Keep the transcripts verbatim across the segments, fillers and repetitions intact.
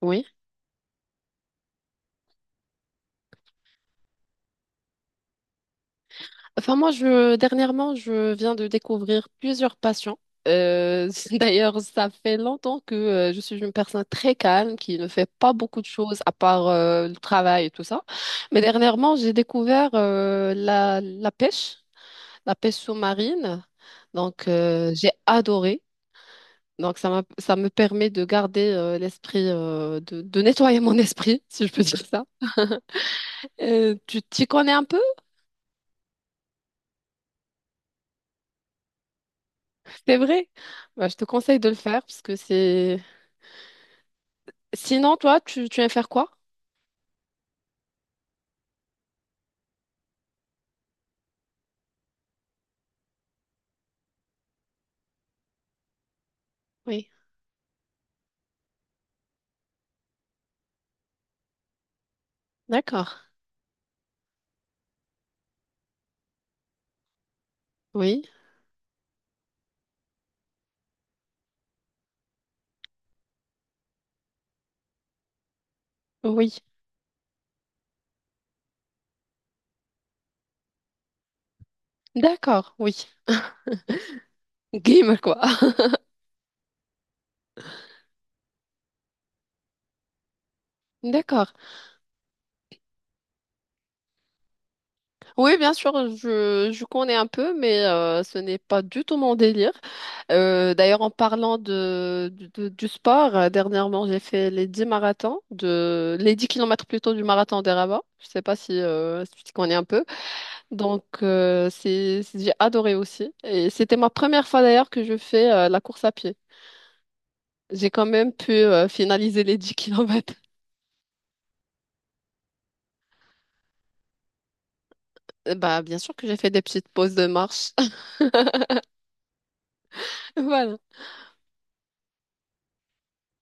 Oui. Enfin, moi, je, dernièrement, je viens de découvrir plusieurs passions. Euh, d'ailleurs, ça fait longtemps que euh, je suis une personne très calme qui ne fait pas beaucoup de choses à part euh, le travail et tout ça. Mais dernièrement, j'ai découvert euh, la, la pêche, la pêche sous-marine. Donc, euh, j'ai adoré. Donc, ça m'a- ça me permet de garder euh, l'esprit, euh, de, de nettoyer mon esprit, si je peux dire ça. Euh, tu t'y connais un peu? C'est vrai? Bah, je te conseille de le faire parce que c'est... Sinon, toi, tu, tu aimes faire quoi? Oui. D'accord. Oui. Oui. D'accord. Oui. Game, quoi. D'accord. Oui, bien sûr, je, je connais un peu, mais euh, ce n'est pas du tout mon délire. Euh, d'ailleurs, en parlant de, de- de- du sport, euh, dernièrement, j'ai fait les dix marathons, de, les dix kilomètres plutôt du marathon des Rabat. Je ne sais pas si, euh, si tu connais un peu. Donc, euh, c'est, c'est- j'ai adoré aussi. Et c'était ma première fois d'ailleurs que je fais euh, la course à pied. J'ai quand même pu euh, finaliser les dix kilomètres. Euh, Bah, bien sûr que j'ai fait des petites pauses de marche. Voilà.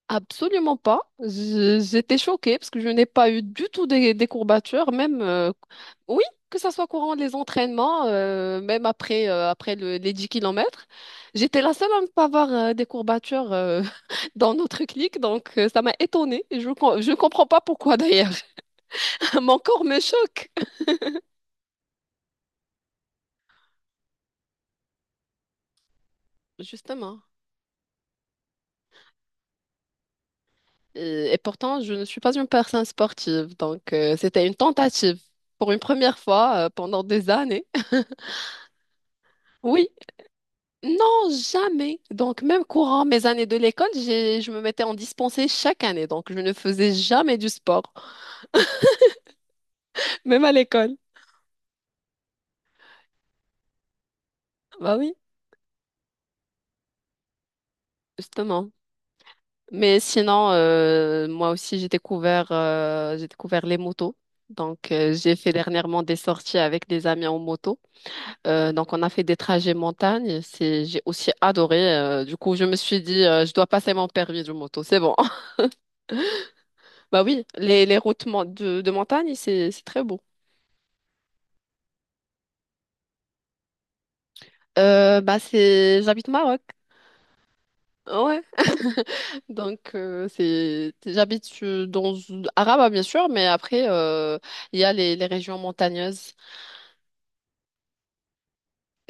Absolument pas. Je- J'étais choquée parce que je n'ai pas eu du tout des, des courbatures, même euh, oui, que ça soit courant les entraînements, euh, même après euh, après le- les dix kilomètres. J'étais la seule à ne pas avoir euh, des courbatures euh, dans notre clique, donc euh, ça m'a étonnée. Et je com- je ne comprends pas pourquoi d'ailleurs. Mon corps me choque. Justement. Et, et pourtant, je ne suis pas une personne sportive, donc euh, c'était une tentative pour une première fois euh, pendant des années. Oui. Non, jamais. Donc, même courant mes années de l'école, j'ai, je me mettais en dispensée chaque année. Donc, je ne faisais jamais du sport, même à l'école. Bah oui, justement. Mais sinon, euh, moi aussi, j'ai découvert, euh, j'ai découvert les motos. Donc, euh, j'ai fait dernièrement des sorties avec des amis en moto. Euh, donc, on a fait des trajets montagne. C'est, j'ai aussi adoré. Euh, du coup, je me suis dit, euh, je dois passer mon permis de moto. C'est bon. Bah oui, les, les routes mon- de, de montagne, c'est, c'est très beau. Euh, bah c'est j'habite au Maroc. Ouais. Donc euh, c'est j'habite euh, dans Araba bien sûr, mais après euh, il y a les, les régions montagneuses.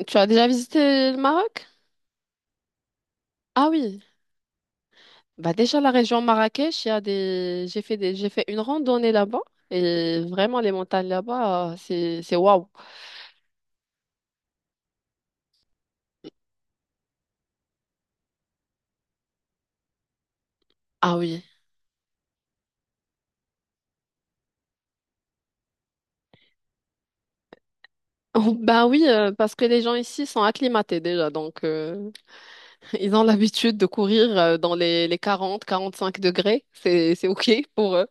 Tu as déjà visité le Maroc? Ah oui. Bah déjà la région Marrakech, il y a des j'ai fait des j'ai fait une randonnée là-bas et vraiment les montagnes là-bas euh, c'est c'est waouh. Ah oui. Bah oui, euh, parce que les gens ici sont acclimatés déjà, donc euh, ils ont l'habitude de courir euh, dans les, les quarante quarante cinq degrés. C'est, c'est OK pour eux.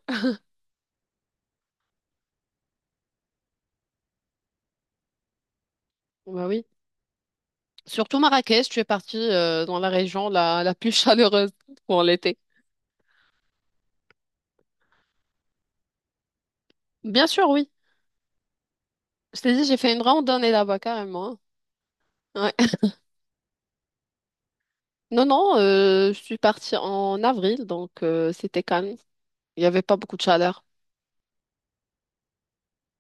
Bah oui. Surtout Marrakech, tu es partie euh, dans la région la, la plus chaleureuse pour l'été. Bien sûr, oui. Je t'ai dit, j'ai fait une randonnée là-bas carrément, hein. Ouais. Non, non, euh, je suis partie en avril, donc euh, c'était calme. Il n'y avait pas beaucoup de chaleur.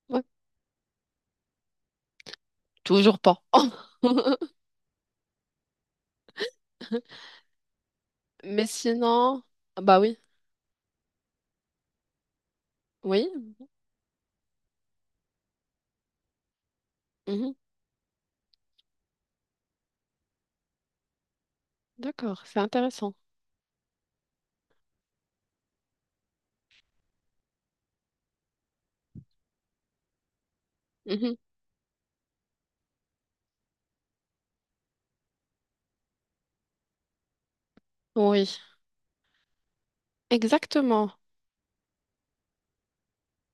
Ouais. Toujours pas. Mais sinon, ah bah oui, oui. Mhm. D'accord, c'est intéressant. Mhm. Oui, exactement.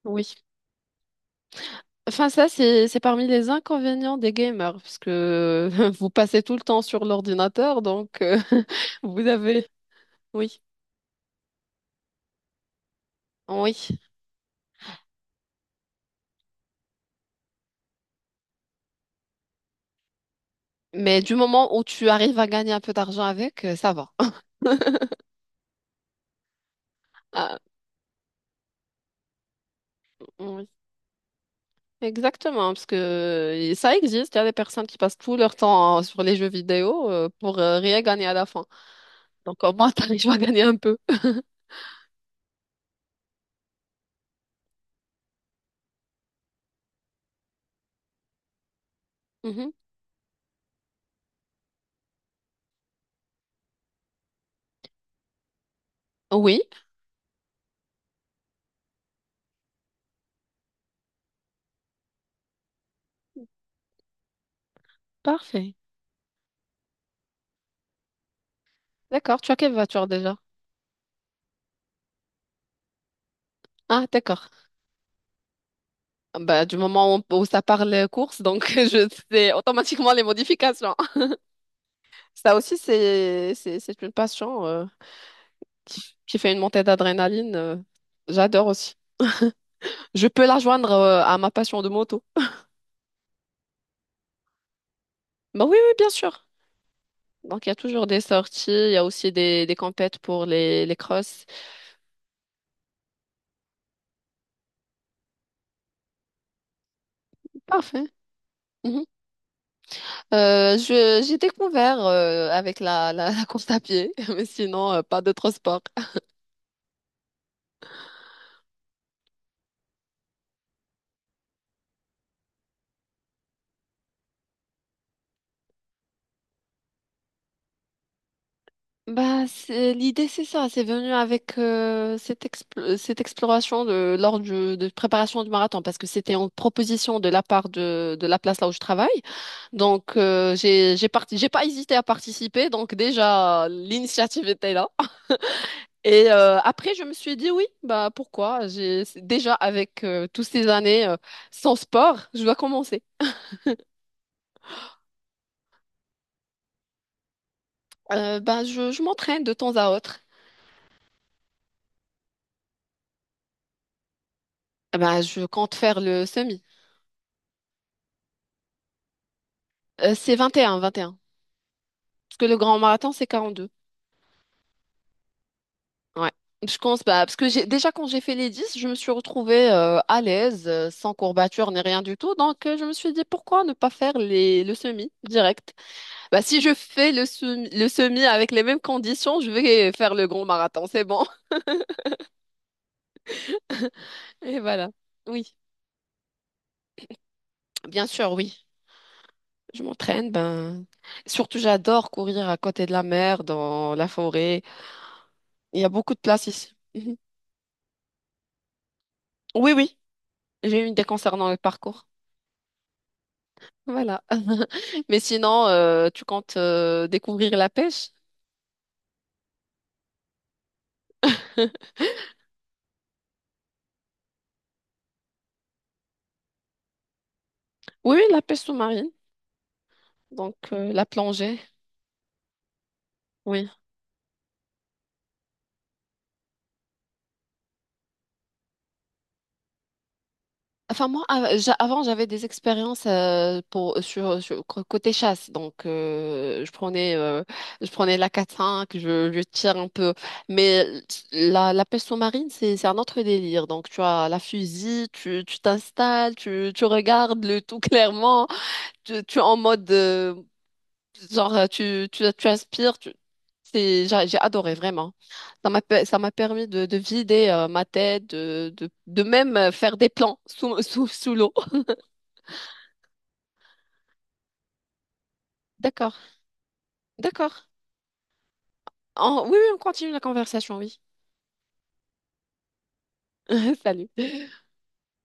Oui. Enfin, ça, c'est, c'est parmi les inconvénients des gamers, parce que vous passez tout le temps sur l'ordinateur, donc euh, vous avez... Oui, oui. Mais du moment où tu arrives à gagner un peu d'argent avec, euh, ça va. Ah, oui. Exactement, parce que euh, ça existe, il y a des personnes qui passent tout leur temps euh, sur les jeux vidéo euh, pour euh, rien gagner à la fin. Donc au moins, t'arrives à gagner un peu. Mhm. Oui, parfait. D'accord, tu as quelle voiture déjà? Ah, d'accord. Bah, du moment où, où ça parle course, donc je sais automatiquement les modifications. Ça aussi, c'est, c'est, c'est une passion euh, qui, qui fait une montée d'adrénaline. euh, j'adore aussi. Je peux la joindre euh, à ma passion de moto. Bah oui, oui, bien sûr. Donc, il y a toujours des sorties, il y a aussi des, des compètes pour les, les crosses. Parfait. Mhm. Euh, je, j'ai découvert euh, avec la, la, la course à pied, mais sinon, euh, pas d'autres sports. Bah, c'est- l'idée, c'est ça. C'est venu avec euh, cette, expl- cette exploration de, lors du, de préparation du marathon, parce que c'était en proposition de la part de, de la place là où je travaille. Donc, euh, j'ai, j'ai parti, j'ai pas hésité à participer. Donc, déjà, l'initiative était là. Et euh, après, je me suis dit, oui, bah, pourquoi? J'ai, c'est- déjà, avec euh, toutes ces années euh, sans sport, je dois commencer. Euh, bah, je, je m'entraîne de temps à autre. Bah, je compte faire le semi. Euh, c'est vingt et un. Vingt et un. Parce que le grand marathon, c'est quarante-deux. Ouais. Je pense pas. Parce que j'ai déjà quand j'ai fait les dix, je me suis retrouvée euh, à l'aise, euh, sans courbature ni rien du tout. Donc euh, je me suis dit pourquoi ne pas faire les... le semi direct? Bah si je fais le semi... le semi avec les mêmes conditions, je vais faire le grand marathon, c'est bon. Et voilà. Oui, bien sûr, oui. Je m'entraîne, ben surtout j'adore courir à côté de la mer, dans la forêt. Il y a beaucoup de place ici. Mhm. Oui, oui. J'ai une idée concernant le parcours. Voilà. Mais sinon, euh, tu comptes euh, découvrir la pêche? Oui, oui, la pêche sous-marine, donc euh, la plongée, oui. Enfin, moi, av- j'a- avant, j'avais des expériences euh, pour, sur, sur- co- côté chasse. Donc, euh, je prenais, euh, je prenais la quatre-cinq, je, je tire un peu. Mais la, la pêche sous-marine, c'est, c'est un autre délire. Donc, tu as la fusil, tu, tu t'installes, tu, tu regardes le tout clairement. Tu, tu es en mode, euh, Genre, euh, tu, tu, tu inspires, tu... c'est, j'a- j'ai adoré vraiment. Ça m'a, pe- ça m'a permis de, de vider euh, ma tête, de, de, de même euh, faire des plans sous, sous, sous l'eau. D'accord, d'accord. En- oui, oui, on continue la conversation, oui. Salut.